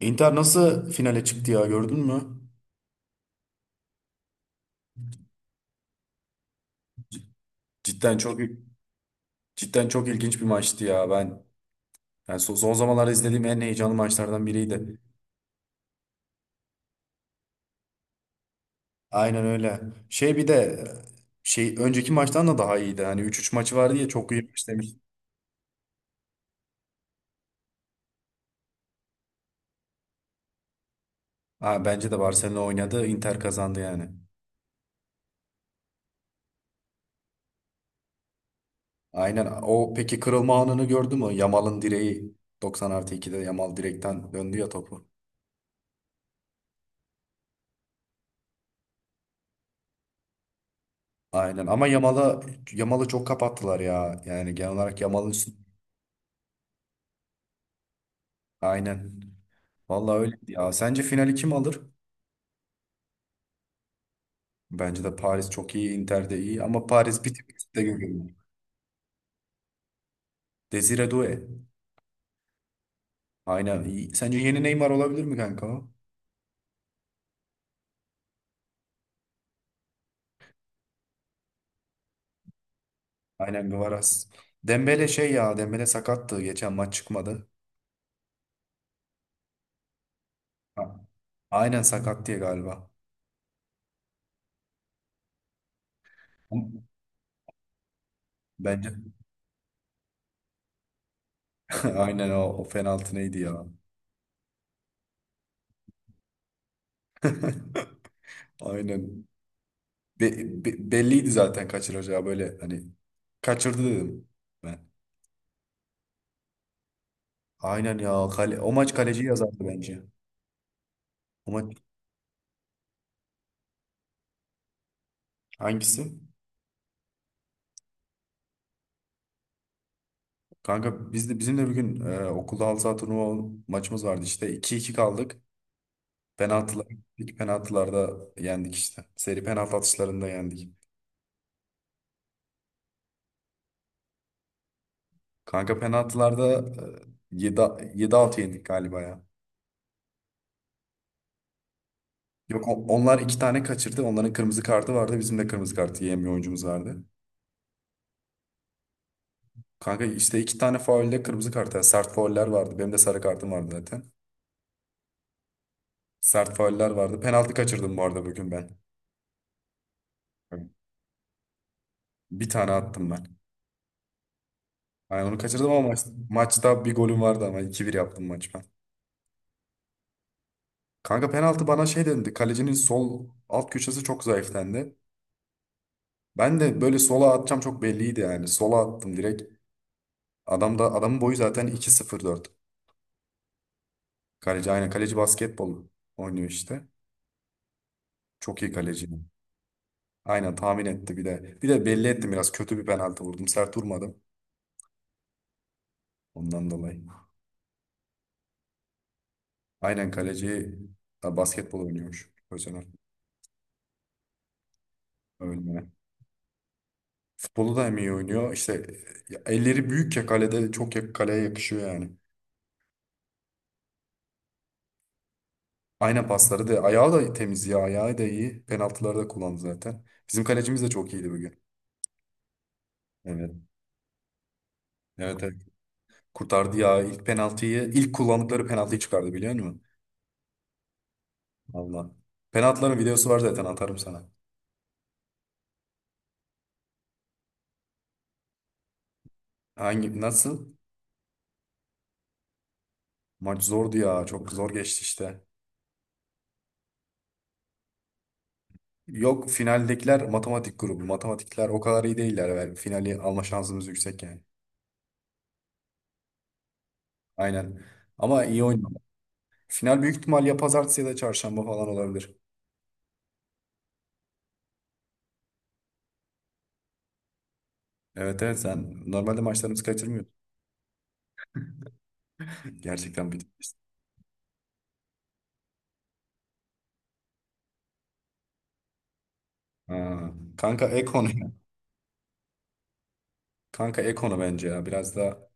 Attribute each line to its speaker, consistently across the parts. Speaker 1: Inter nasıl finale çıktı ya, gördün mü? Cidden çok cidden çok ilginç bir maçtı ya. Ben yani son zamanlarda izlediğim en heyecanlı maçlardan biriydi. Aynen öyle. Şey, bir de şey önceki maçtan da daha iyiydi. Hani 3-3 maçı vardı ya, çok iyi maç demiş. Ha, bence de Barcelona oynadı, Inter kazandı yani. Aynen. O peki kırılma anını gördü mü? Yamal'ın direği, 90 artı 2'de Yamal direkten döndü ya topu. Aynen ama Yamal'ı çok kapattılar ya. Yani genel olarak Yamal'ın... Aynen. Vallahi öyle ya. Sence finali kim alır? Bence de Paris çok iyi, Inter de iyi ama Paris bir tık üstte görüyorum. Desire Doué. Aynen iyi. Sence yeni Neymar olabilir mi kanka o? Aynen Kvaras. Dembele sakattı. Geçen maç çıkmadı. Ha. Aynen sakat diye galiba. Bence, aynen o penaltı neydi ya? Aynen. Belliydi zaten kaçıracağı, böyle hani kaçırdı dedim. Aynen ya. Kale, o maç kaleci yazardı bence. O maç hangisi? Kanka bizim de bir gün, okulda halı saha turnuva maçımız vardı işte. 2-2 kaldık. Penaltılar, ilk penaltılarda yendik işte. Seri penaltı atışlarında yendik. Kanka penaltılarda, yedi 7 yendik galiba ya. Yok, onlar iki tane kaçırdı. Onların kırmızı kartı vardı. Bizim de kırmızı kartı yiyen bir oyuncumuz vardı. Kanka işte iki tane faulde kırmızı kart. Yani sert fauller vardı. Benim de sarı kartım vardı zaten. Sert fauller vardı. Penaltı kaçırdım bu arada bugün ben. Bir tane attım ben. Aynen onu kaçırdım ama maçta bir golüm vardı ama 2-1 yaptım maç ben. Kanka penaltı bana şey dedi. Kalecinin sol alt köşesi çok zayıflendi. Ben de böyle sola atacağım, çok belliydi yani. Sola attım direkt. Adamın boyu zaten iki sıfır dört. Kaleci, aynen kaleci basketbol oynuyor işte. Çok iyi kaleci. Aynen tahmin etti bir de. Bir de belli ettim, biraz kötü bir penaltı vurdum. Sert vurmadım ondan dolayı. Aynen kaleci, ha, basketbol oynuyormuş. Özener. Öyle. Futbolu da hem iyi oynuyor. İşte, elleri büyük ya, kalede çok ya, kaleye yakışıyor yani. Aynen, pasları da, ayağı da temiz ya, ayağı da iyi. Penaltıları da kullandı zaten. Bizim kalecimiz de çok iyiydi bugün. Evet. Evet, evet. Kurtardı ya ilk penaltıyı. İlk kullandıkları penaltıyı çıkardı, biliyor musun? Allah. Penaltıların videosu var zaten, atarım sana. Hangi nasıl? Maç zordu ya, çok zor geçti işte. Yok, finaldekiler matematik grubu. Matematikler o kadar iyi değiller. Yani finali alma şansımız yüksek yani. Aynen. Ama iyi oynadı. Final büyük ihtimal ya pazartesi ya da çarşamba falan olabilir. Evet, evet, sen normalde maçlarımızı kaçırmıyorsun. Gerçekten bir... Aa, Kanka Ekonu. Kanka Ekonu bence ya. Biraz da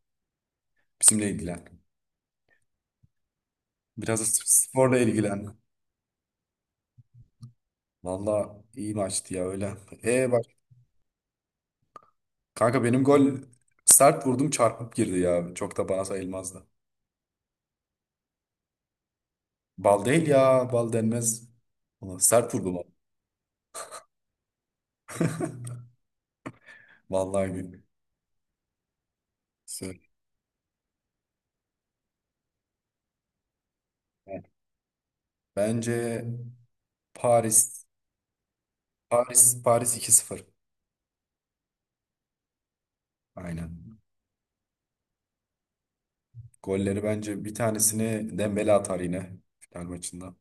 Speaker 1: bizimle ilgilen. Biraz da sporla ilgilen. Valla iyi maçtı ya, öyle. E bak kanka, benim gol, sert vurdum çarpıp girdi ya. Çok da bana sayılmazdı. Bal değil ya. Bal denmez. Ulan sert vurdum ama. Vallahi gül. Söyle. Bence Paris, Paris 2-0. Aynen. Golleri bence bir tanesini Dembele atar yine final maçında.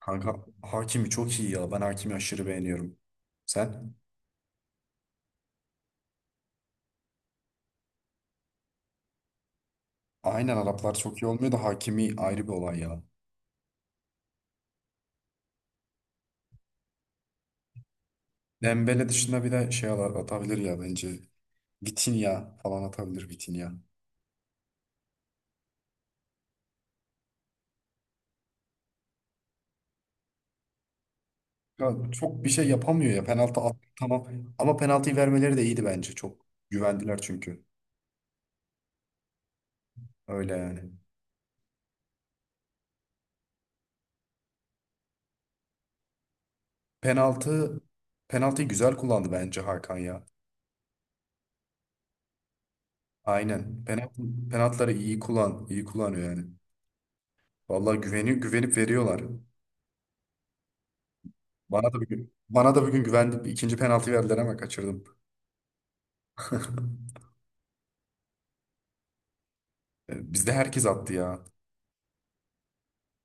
Speaker 1: Kanka Hakimi çok iyi ya. Ben Hakimi aşırı beğeniyorum. Sen? Aynen, Araplar çok iyi olmuyor da Hakimi ayrı bir olay ya. Dembele dışında bir de şey atabilir ya bence. Vitinha falan atabilir, Vitinha. Ya çok bir şey yapamıyor ya. Penaltı at tamam. Ama penaltıyı vermeleri de iyiydi bence. Çok güvendiler çünkü. Öyle yani. Penaltı penaltıyı güzel kullandı bence Hakan ya. Aynen. Penaltı, penaltıları iyi kullan, iyi kullanıyor yani. Vallahi güvenip veriyorlar. Bana da bugün güvendim. İkinci penaltı verdiler ama kaçırdım. Bizde herkes attı ya.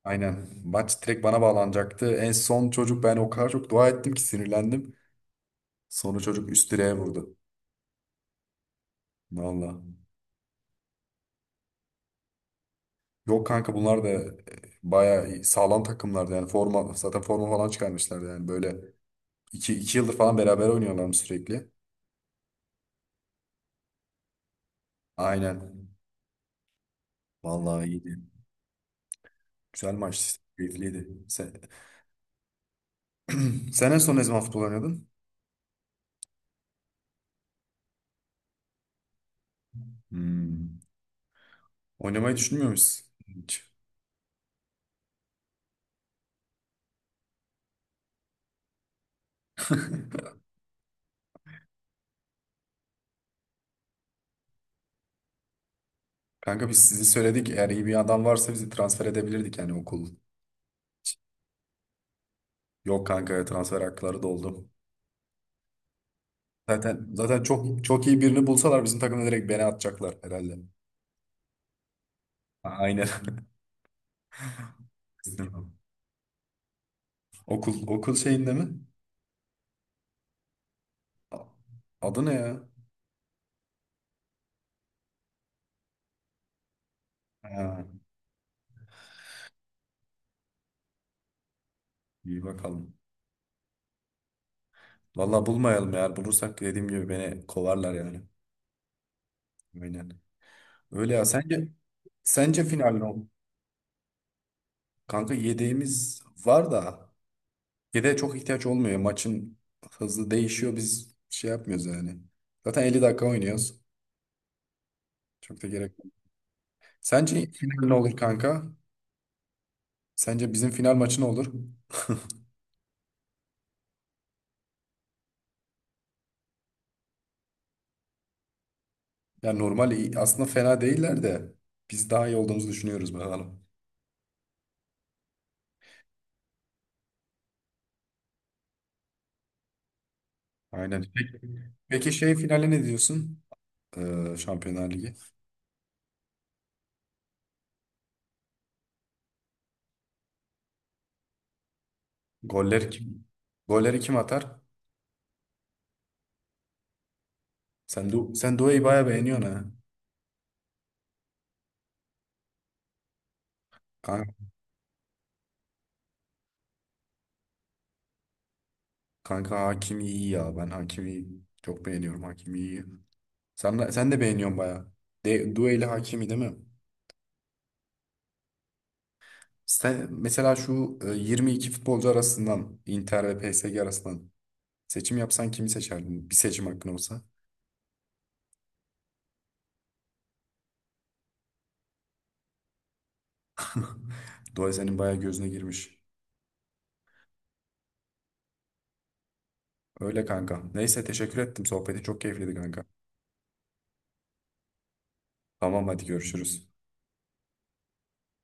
Speaker 1: Aynen. Maç direkt bana bağlanacaktı. En son çocuk, ben o kadar çok dua ettim ki sinirlendim. Sonra çocuk üst direğe vurdu. Vallahi. Yok kanka, bunlar da, bayağı sağlam takımlardı yani, forma zaten forma falan çıkarmışlardı yani böyle iki yıldır falan beraber oynuyorlarmış sürekli. Aynen. Vallahi iyiydi. Güzel maçtı. Keyifliydi. Sen, sen en son ne zaman futbol oynadın? Hmm. Oynamayı düşünmüyor musun hiç? Kanka biz sizi söyledik. Eğer iyi bir adam varsa bizi transfer edebilirdik yani okul. Yok kanka, transfer hakları doldu. Zaten çok çok iyi birini bulsalar bizim takımda direkt beni atacaklar herhalde. Aynen. Okul şeyinde mi? A- Adı ne ya? Ha, iyi bakalım. Vallahi bulmayalım, eğer bulursak dediğim gibi beni kovarlar yani. Aynen. Öyle ya. Sence final ne olur? Kanka yedeğimiz var da yedeğe çok ihtiyaç olmuyor. Maçın hızı değişiyor. Biz şey yapmıyoruz yani. Zaten 50 dakika oynuyoruz. Çok da gerek yok. Sence final ne olur kanka? Sence bizim final maçı ne olur? Yani normal aslında fena değiller de biz daha iyi olduğumuzu düşünüyoruz, bakalım. Aynen. Peki, peki, şey finale ne diyorsun? Şampiyonlar Ligi. Golleri kim? Golleri kim atar? Sen Due'yi bayağı beğeniyorsun ha. Kanka Hakimi iyi ya. Ben Hakimi çok beğeniyorum. Hakimi iyi. Sen de beğeniyorsun bayağı. Due ile Hakimi değil mi? Sen, mesela şu, 22 futbolcu arasından Inter ve PSG arasından seçim yapsan kimi seçerdin? Bir seçim hakkın olsa. Due senin bayağı gözüne girmiş. Öyle kanka. Neyse teşekkür ettim. Sohbeti çok keyifliydi kanka. Tamam, hadi görüşürüz.